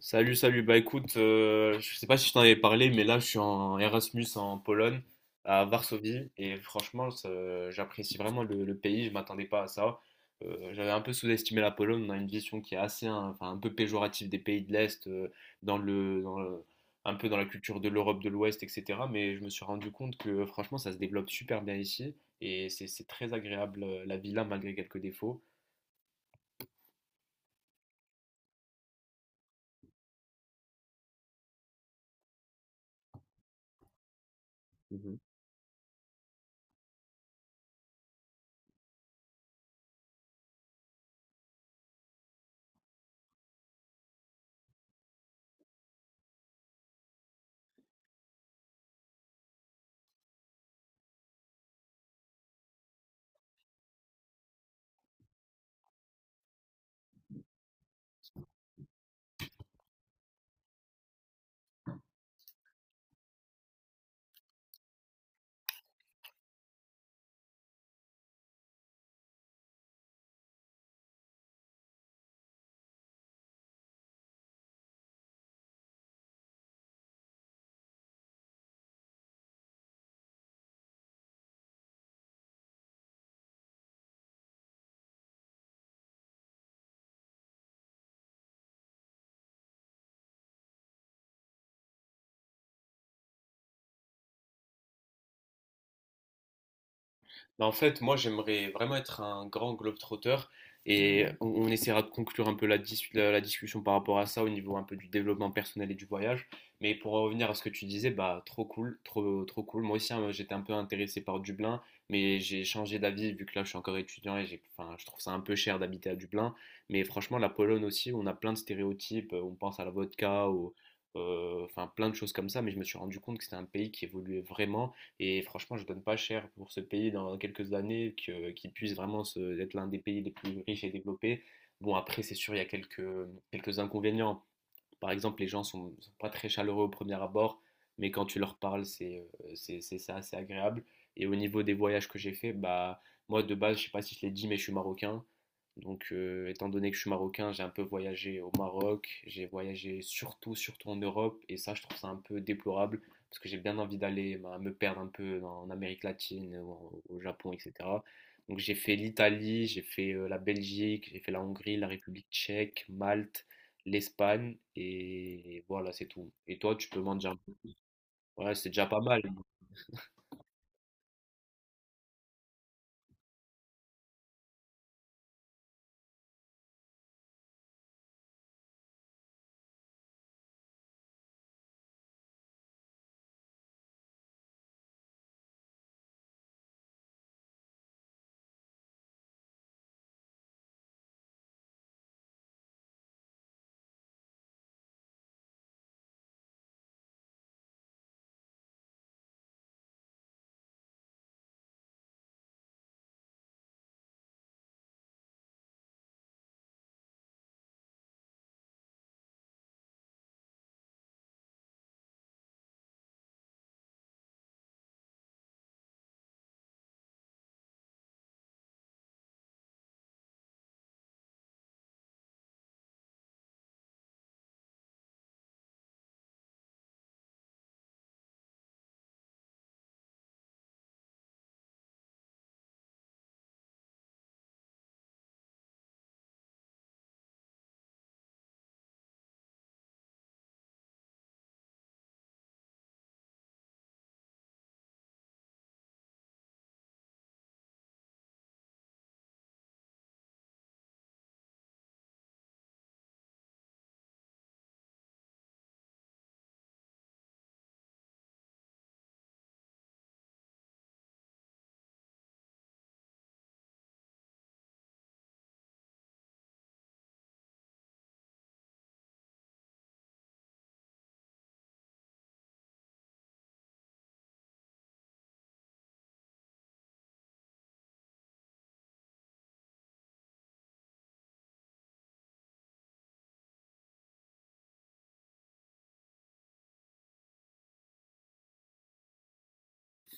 Salut, salut. Bah écoute, je sais pas si je t'en avais parlé, mais là je suis en Erasmus en Pologne, à Varsovie, et franchement, j'apprécie vraiment le pays. Je m'attendais pas à ça. J'avais un peu sous-estimé la Pologne. On a une vision qui est assez, hein, enfin, un peu péjorative des pays de l'Est, dans le, dans le- un peu dans la culture de l'Europe de l'Ouest, etc. Mais je me suis rendu compte que franchement, ça se développe super bien ici, et c'est très agréable la vie là, malgré quelques défauts. Bah, en fait, moi, j'aimerais vraiment être un grand globetrotter et on essaiera de conclure un peu la discussion par rapport à ça au niveau un peu du développement personnel et du voyage. Mais pour en revenir à ce que tu disais, bah trop cool, trop cool. Moi aussi, hein, j'étais un peu intéressé par Dublin, mais j'ai changé d'avis vu que là, je suis encore étudiant et j'ai, enfin, je trouve ça un peu cher d'habiter à Dublin. Mais franchement, la Pologne aussi, on a plein de stéréotypes. On pense à la vodka, enfin plein de choses comme ça. Mais je me suis rendu compte que c'était un pays qui évoluait vraiment et franchement, je donne pas cher pour ce pays dans quelques années que, qu'il puisse vraiment être l'un des pays les plus riches et développés. Bon, après, c'est sûr, il y a quelques inconvénients par exemple, les gens ne sont, sont pas très chaleureux au premier abord, mais quand tu leur parles, c'est c'est ça, c'est agréable. Et au niveau des voyages que j'ai fait, bah moi de base, je ne sais pas si je l'ai dit, mais je suis marocain. Donc, étant donné que je suis marocain, j'ai un peu voyagé au Maroc, j'ai voyagé surtout en Europe, et ça, je trouve ça un peu déplorable, parce que j'ai bien envie d'aller bah, me perdre un peu en, Amérique latine, au Japon, etc. Donc, j'ai fait l'Italie, j'ai fait la Belgique, j'ai fait la Hongrie, la République tchèque, Malte, l'Espagne et voilà, c'est tout. Et toi, tu peux m'en dire un peu. Ouais, c'est déjà pas mal.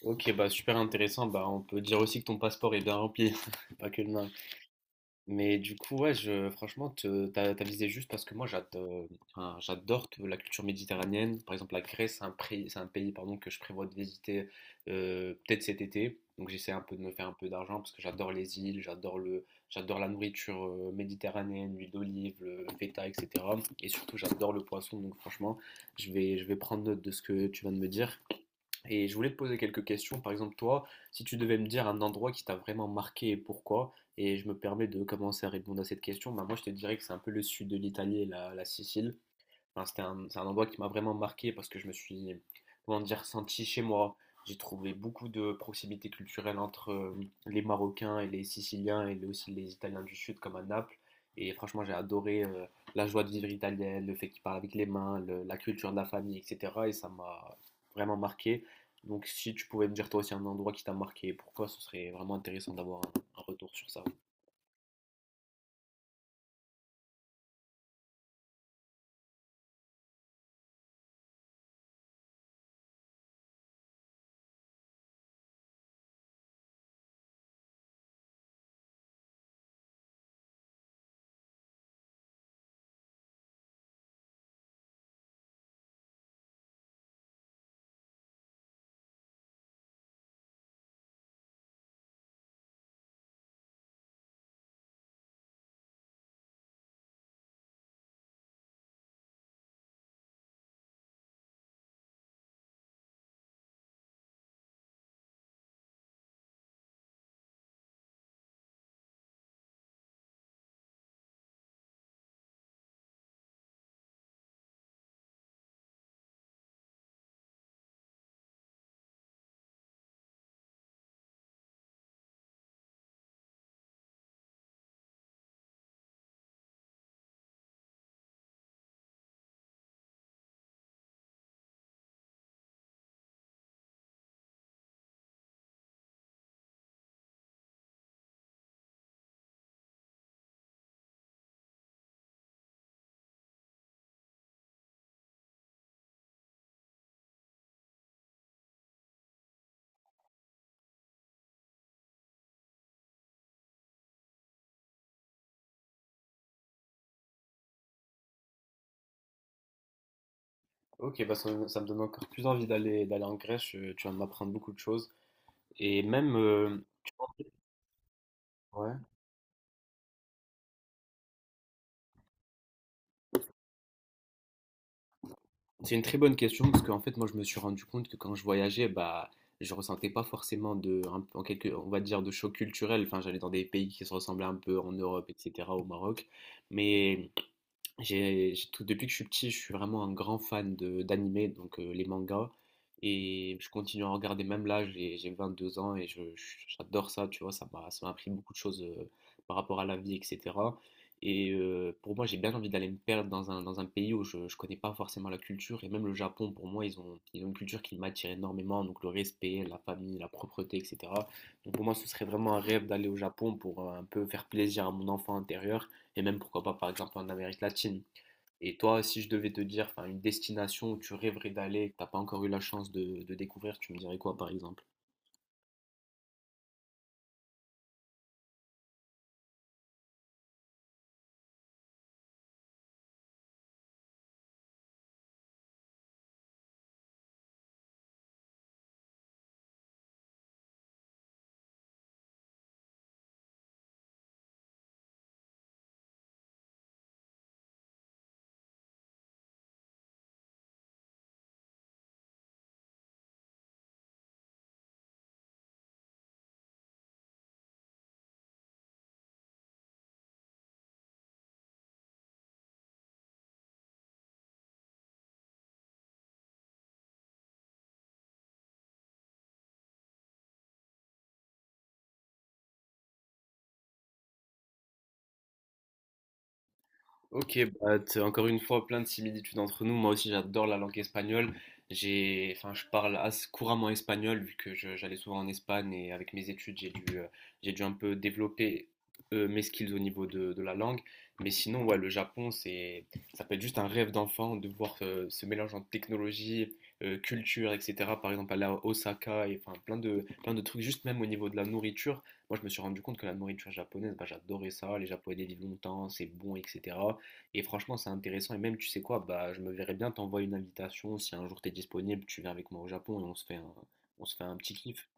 Ok, bah super intéressant. Bah, on peut dire aussi que ton passeport est bien rempli, pas que le mien. Mais du coup, ouais, je, franchement, t'as visé juste parce que moi, j'adore, enfin, la culture méditerranéenne. Par exemple, la Grèce, c'est un pays pardon, que je prévois de visiter peut-être cet été. Donc, j'essaie un peu de me faire un peu d'argent parce que j'adore les îles, j'adore la nourriture méditerranéenne, l'huile d'olive, le feta, etc. Et surtout, j'adore le poisson. Donc, franchement, je vais prendre note de ce que tu viens de me dire. Et je voulais te poser quelques questions. Par exemple, toi, si tu devais me dire un endroit qui t'a vraiment marqué et pourquoi, et je me permets de commencer à répondre à cette question, bah moi je te dirais que c'est un peu le sud de l'Italie et la Sicile. Enfin, c'est un endroit qui m'a vraiment marqué parce que je me suis, comment dire, senti chez moi. J'ai trouvé beaucoup de proximité culturelle entre les Marocains et les Siciliens et aussi les Italiens du Sud comme à Naples. Et franchement, j'ai adoré la joie de vivre italienne, le fait qu'ils parlent avec les mains, la culture de la famille, etc. Et ça m'a vraiment marqué. Donc si tu pouvais me dire toi aussi un endroit qui t'a marqué, pourquoi ce serait vraiment intéressant d'avoir un retour sur ça. Ok, bah ça, ça me donne encore plus envie d'aller en Grèce. Tu vas m'apprendre beaucoup de choses. Et même, ouais, c'est une très bonne question parce qu'en fait, moi, je me suis rendu compte que quand je voyageais, bah, je ressentais pas forcément de un en quelque on va dire de choc culturel. Enfin, j'allais dans des pays qui se ressemblaient un peu en Europe et cetera, au Maroc. Mais J'ai tout depuis que je suis petit, je suis vraiment un grand fan de d'animé, donc les mangas. Et je continue à en regarder même là, j'ai 22 ans et j'adore ça, tu vois, ça m'a appris beaucoup de choses par rapport à la vie, etc. Et pour moi, j'ai bien envie d'aller me perdre dans un pays où je ne connais pas forcément la culture. Et même le Japon, pour moi, ils ont une culture qui m'attire énormément, donc le respect, la famille, la propreté, etc. Donc pour moi, ce serait vraiment un rêve d'aller au Japon pour un peu faire plaisir à mon enfant intérieur et même pourquoi pas par exemple en Amérique latine. Et toi, si je devais te dire enfin, une destination où tu rêverais d'aller, que t'as pas encore eu la chance de découvrir, tu me dirais quoi par exemple? Ok, bah, t'as encore une fois plein de similitudes entre nous. Moi aussi, j'adore la langue espagnole. J'ai, enfin, je parle assez couramment espagnol vu que j'allais souvent en Espagne et avec mes études, j'ai dû un peu développer mes skills au niveau de la langue. Mais sinon, ouais, le Japon, c'est, ça peut être juste un rêve d'enfant de voir ce mélange entre technologie, culture, etc. Par exemple, aller à Osaka et enfin plein plein de trucs, juste même au niveau de la nourriture. Moi, je me suis rendu compte que la nourriture japonaise, bah, j'adorais ça. Les Japonais vivent longtemps, c'est bon, etc. Et franchement, c'est intéressant. Et même, tu sais quoi, bah, je me verrais bien t'envoyer une invitation. Si un jour t'es disponible, tu viens avec moi au Japon et on se fait un, on se fait un petit kiff.